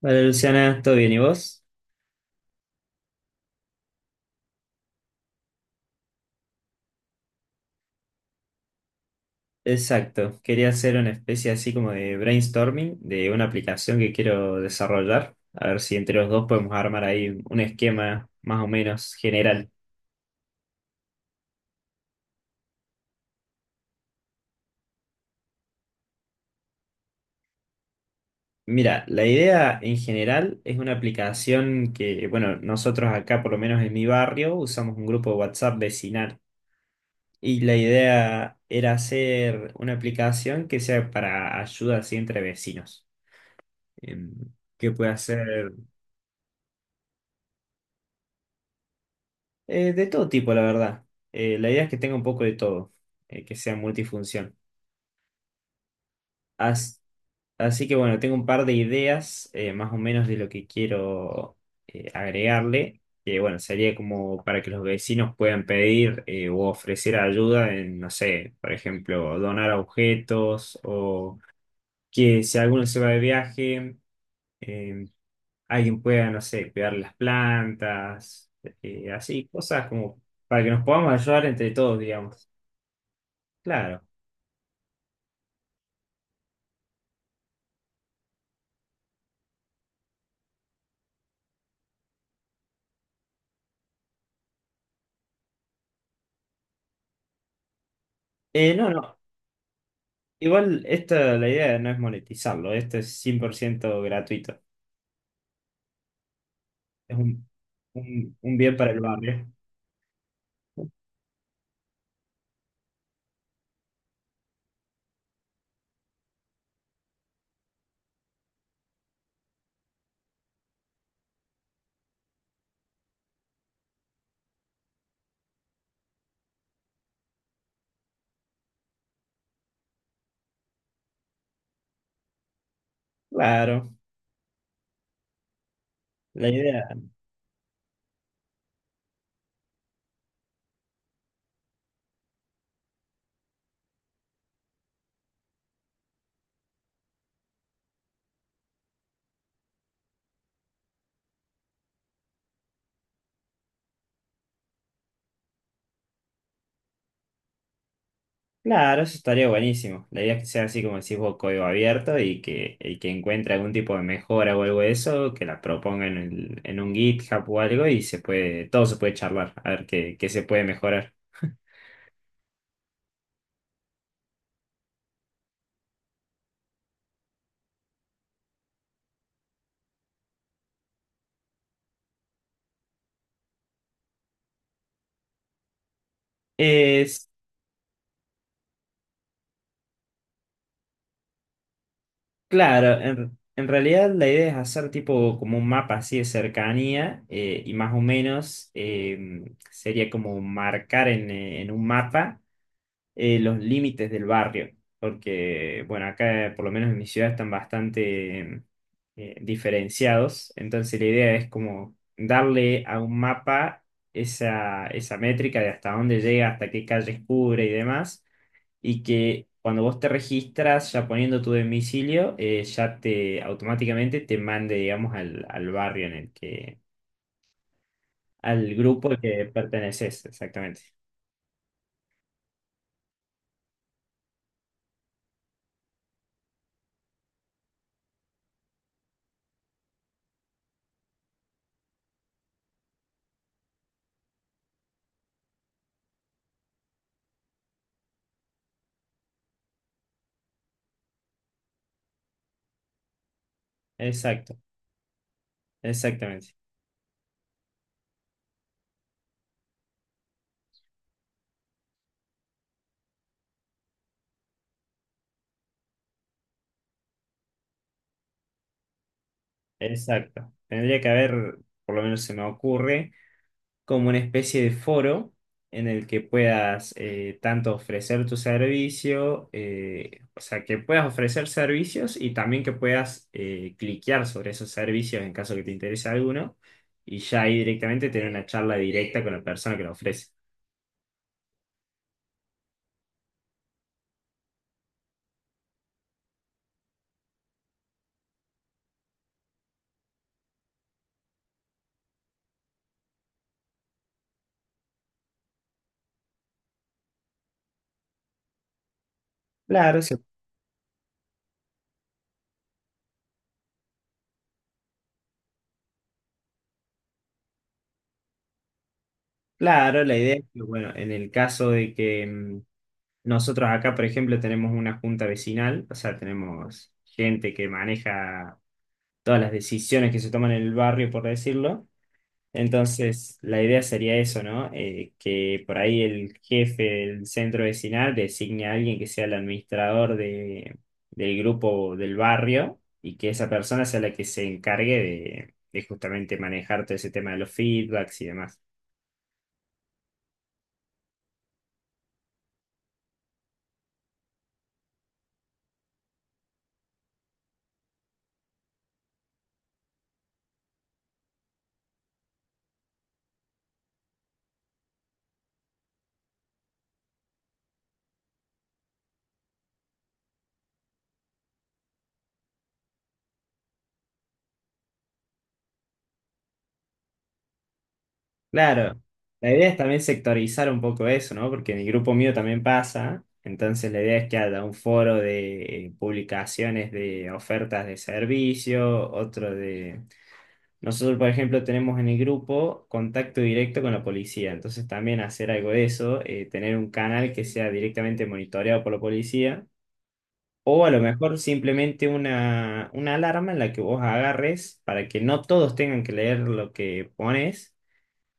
Vale, Luciana, ¿todo bien? ¿Y vos? Exacto, quería hacer una especie así como de brainstorming de una aplicación que quiero desarrollar. A ver si entre los dos podemos armar ahí un esquema más o menos general. Mira, la idea en general es una aplicación que, bueno, nosotros acá, por lo menos en mi barrio, usamos un grupo de WhatsApp vecinal. Y la idea era hacer una aplicación que sea para ayuda así entre vecinos. Em, que pueda ser. De todo tipo, la verdad. La idea es que tenga un poco de todo, que sea multifunción. As- Así que bueno, tengo un par de ideas más o menos de lo que quiero agregarle, que bueno, sería como para que los vecinos puedan pedir o ofrecer ayuda en, no sé, por ejemplo, donar objetos, o que si alguno se va de viaje, eh, alguien pueda, no sé, cuidar las plantas, así, cosas como para que nos podamos ayudar entre todos, digamos. Claro. No, no, igual esta, la idea no es monetizarlo. Esto es 100% gratuito. Es un bien para el barrio. Claro. La idea Claro, eso estaría buenísimo. La idea es que sea así como decís vos, código abierto, y que el que encuentre algún tipo de mejora o algo de eso, que la proponga en un GitHub o algo, y se puede, todo se puede charlar, a ver qué, qué se puede mejorar. Es Claro, en realidad la idea es hacer tipo como un mapa así de cercanía, y más o menos sería como marcar en un mapa los límites del barrio, porque, bueno, acá por lo menos en mi ciudad están bastante diferenciados, entonces la idea es como darle a un mapa esa métrica de hasta dónde llega, hasta qué calles cubre y demás, y que cuando vos te registras ya poniendo tu domicilio, ya te automáticamente te mande, digamos, al barrio en el que, al grupo al que perteneces, exactamente. Exacto, exactamente. Exacto. Tendría que haber, por lo menos se me ocurre, como una especie de foro en el que puedas tanto ofrecer tu servicio, o sea, que puedas ofrecer servicios, y también que puedas cliquear sobre esos servicios en caso que te interese alguno, y ya ahí directamente tener una charla directa con la persona que lo ofrece. Claro, se- claro, la idea es que, bueno, en el caso de que nosotros acá, por ejemplo, tenemos una junta vecinal, o sea, tenemos gente que maneja todas las decisiones que se toman en el barrio, por decirlo. Entonces, la idea sería eso, ¿no? Que por ahí el jefe del centro vecinal designe a alguien que sea el administrador del grupo del barrio, y que esa persona sea la que se encargue de justamente manejar todo ese tema de los feedbacks y demás. Claro, la idea es también sectorizar un poco eso, ¿no? Porque en el grupo mío también pasa, entonces la idea es que haya un foro de publicaciones de ofertas de servicio, otro de... Nosotros, por ejemplo, tenemos en el grupo contacto directo con la policía, entonces también hacer algo de eso, tener un canal que sea directamente monitoreado por la policía. O a lo mejor simplemente una alarma en la que vos agarres para que no todos tengan que leer lo que pones,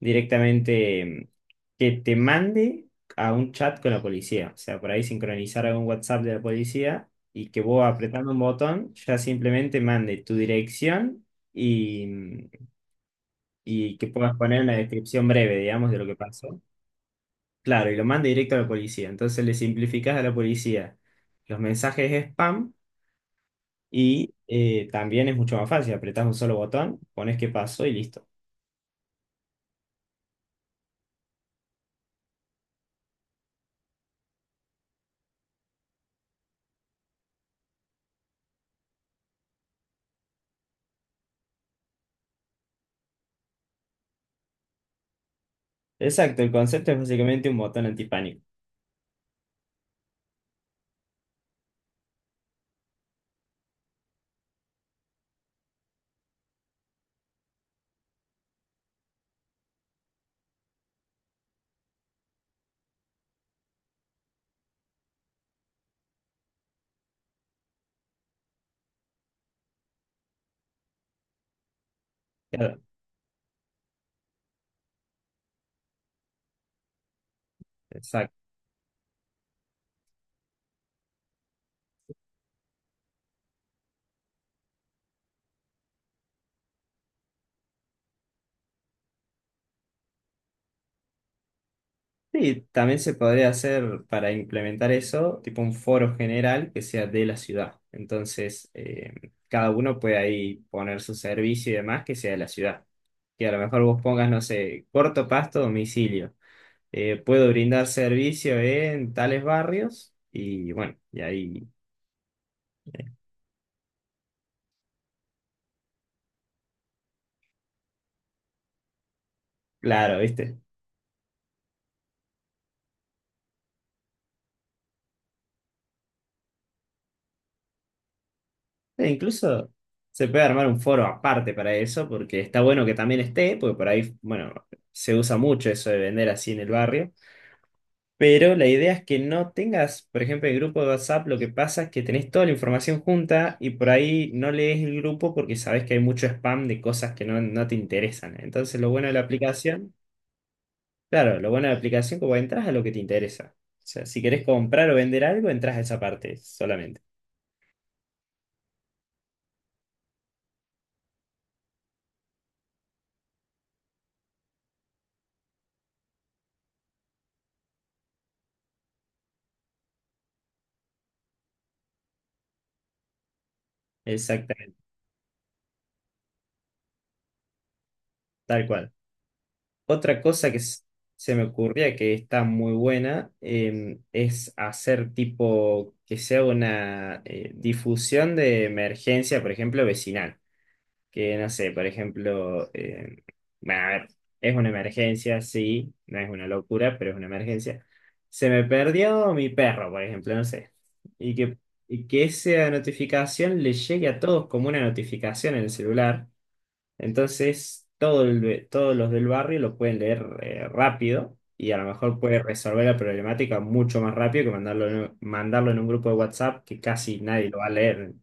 directamente que te mande a un chat con la policía. O sea, por ahí sincronizar algún WhatsApp de la policía, y que vos apretando un botón ya simplemente mande tu dirección y, y que puedas poner una descripción breve, digamos, de lo que pasó. Claro, y lo mande directo a la policía. Entonces le simplificás a la policía los mensajes spam, y también es mucho más fácil. Apretás un solo botón, pones qué pasó y listo. Exacto, el concepto es básicamente un botón antipánico. Claro, exacto. Sí, también se podría hacer para implementar eso, tipo un foro general que sea de la ciudad. Entonces, cada uno puede ahí poner su servicio y demás que sea de la ciudad. Que a lo mejor vos pongas, no sé, corto pasto, domicilio. Puedo brindar servicio en tales barrios, y bueno, y ahí, claro, ¿viste? E incluso se puede armar un foro aparte para eso, porque está bueno que también esté, porque por ahí, bueno, se usa mucho eso de vender así en el barrio. Pero la idea es que no tengas, por ejemplo, el grupo de WhatsApp. Lo que pasa es que tenés toda la información junta y por ahí no lees el grupo porque sabes que hay mucho spam de cosas que no, no te interesan. Entonces, lo bueno de la aplicación, Claro, lo bueno de la aplicación, como entras a lo que te interesa. O sea, si querés comprar o vender algo, entras a esa parte solamente. Exactamente, tal cual. Otra cosa que s- Se me ocurría que está muy buena, es hacer tipo que sea una difusión de emergencia, por ejemplo, vecinal. Que no sé, por ejemplo, bueno, a ver, es una emergencia, sí, no es una locura, pero es una emergencia. Se me perdió mi perro, por ejemplo, no sé. Y que, y que esa notificación le llegue a todos como una notificación en el celular, entonces, todos los del barrio lo pueden leer rápido, y a lo mejor puede resolver la problemática mucho más rápido que mandarlo en un grupo de WhatsApp que casi nadie lo va a leer.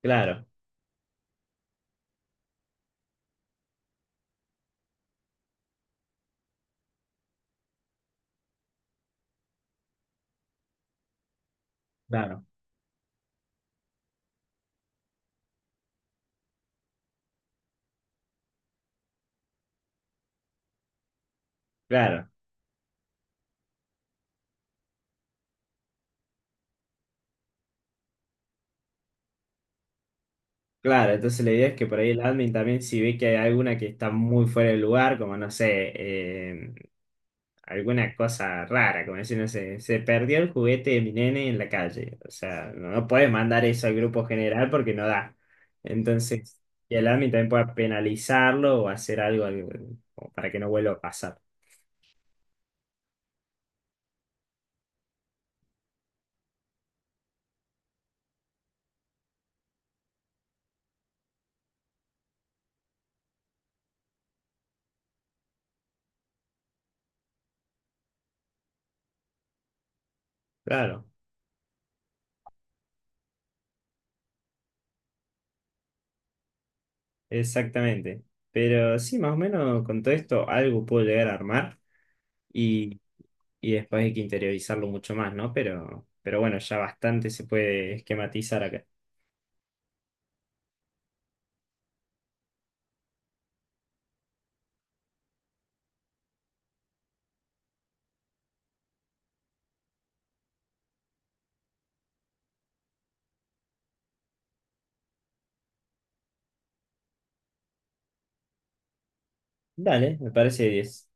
Claro. Claro. Claro, claro. Entonces, la idea es que por ahí el admin también, si ve que hay alguna que está muy fuera de lugar, como no sé, alguna cosa rara, como decir, no sé, se perdió el juguete de mi nene en la calle. O sea, no, no puedes mandar eso al grupo general porque no da. Entonces, y el admin también puede penalizarlo o hacer algo, como para que no vuelva a pasar. Claro, exactamente. Pero sí, más o menos con todo esto algo puedo llegar a armar, y, y después hay que interiorizarlo mucho más, ¿no? Pero bueno, ya bastante se puede esquematizar acá. Dale, me parece 10.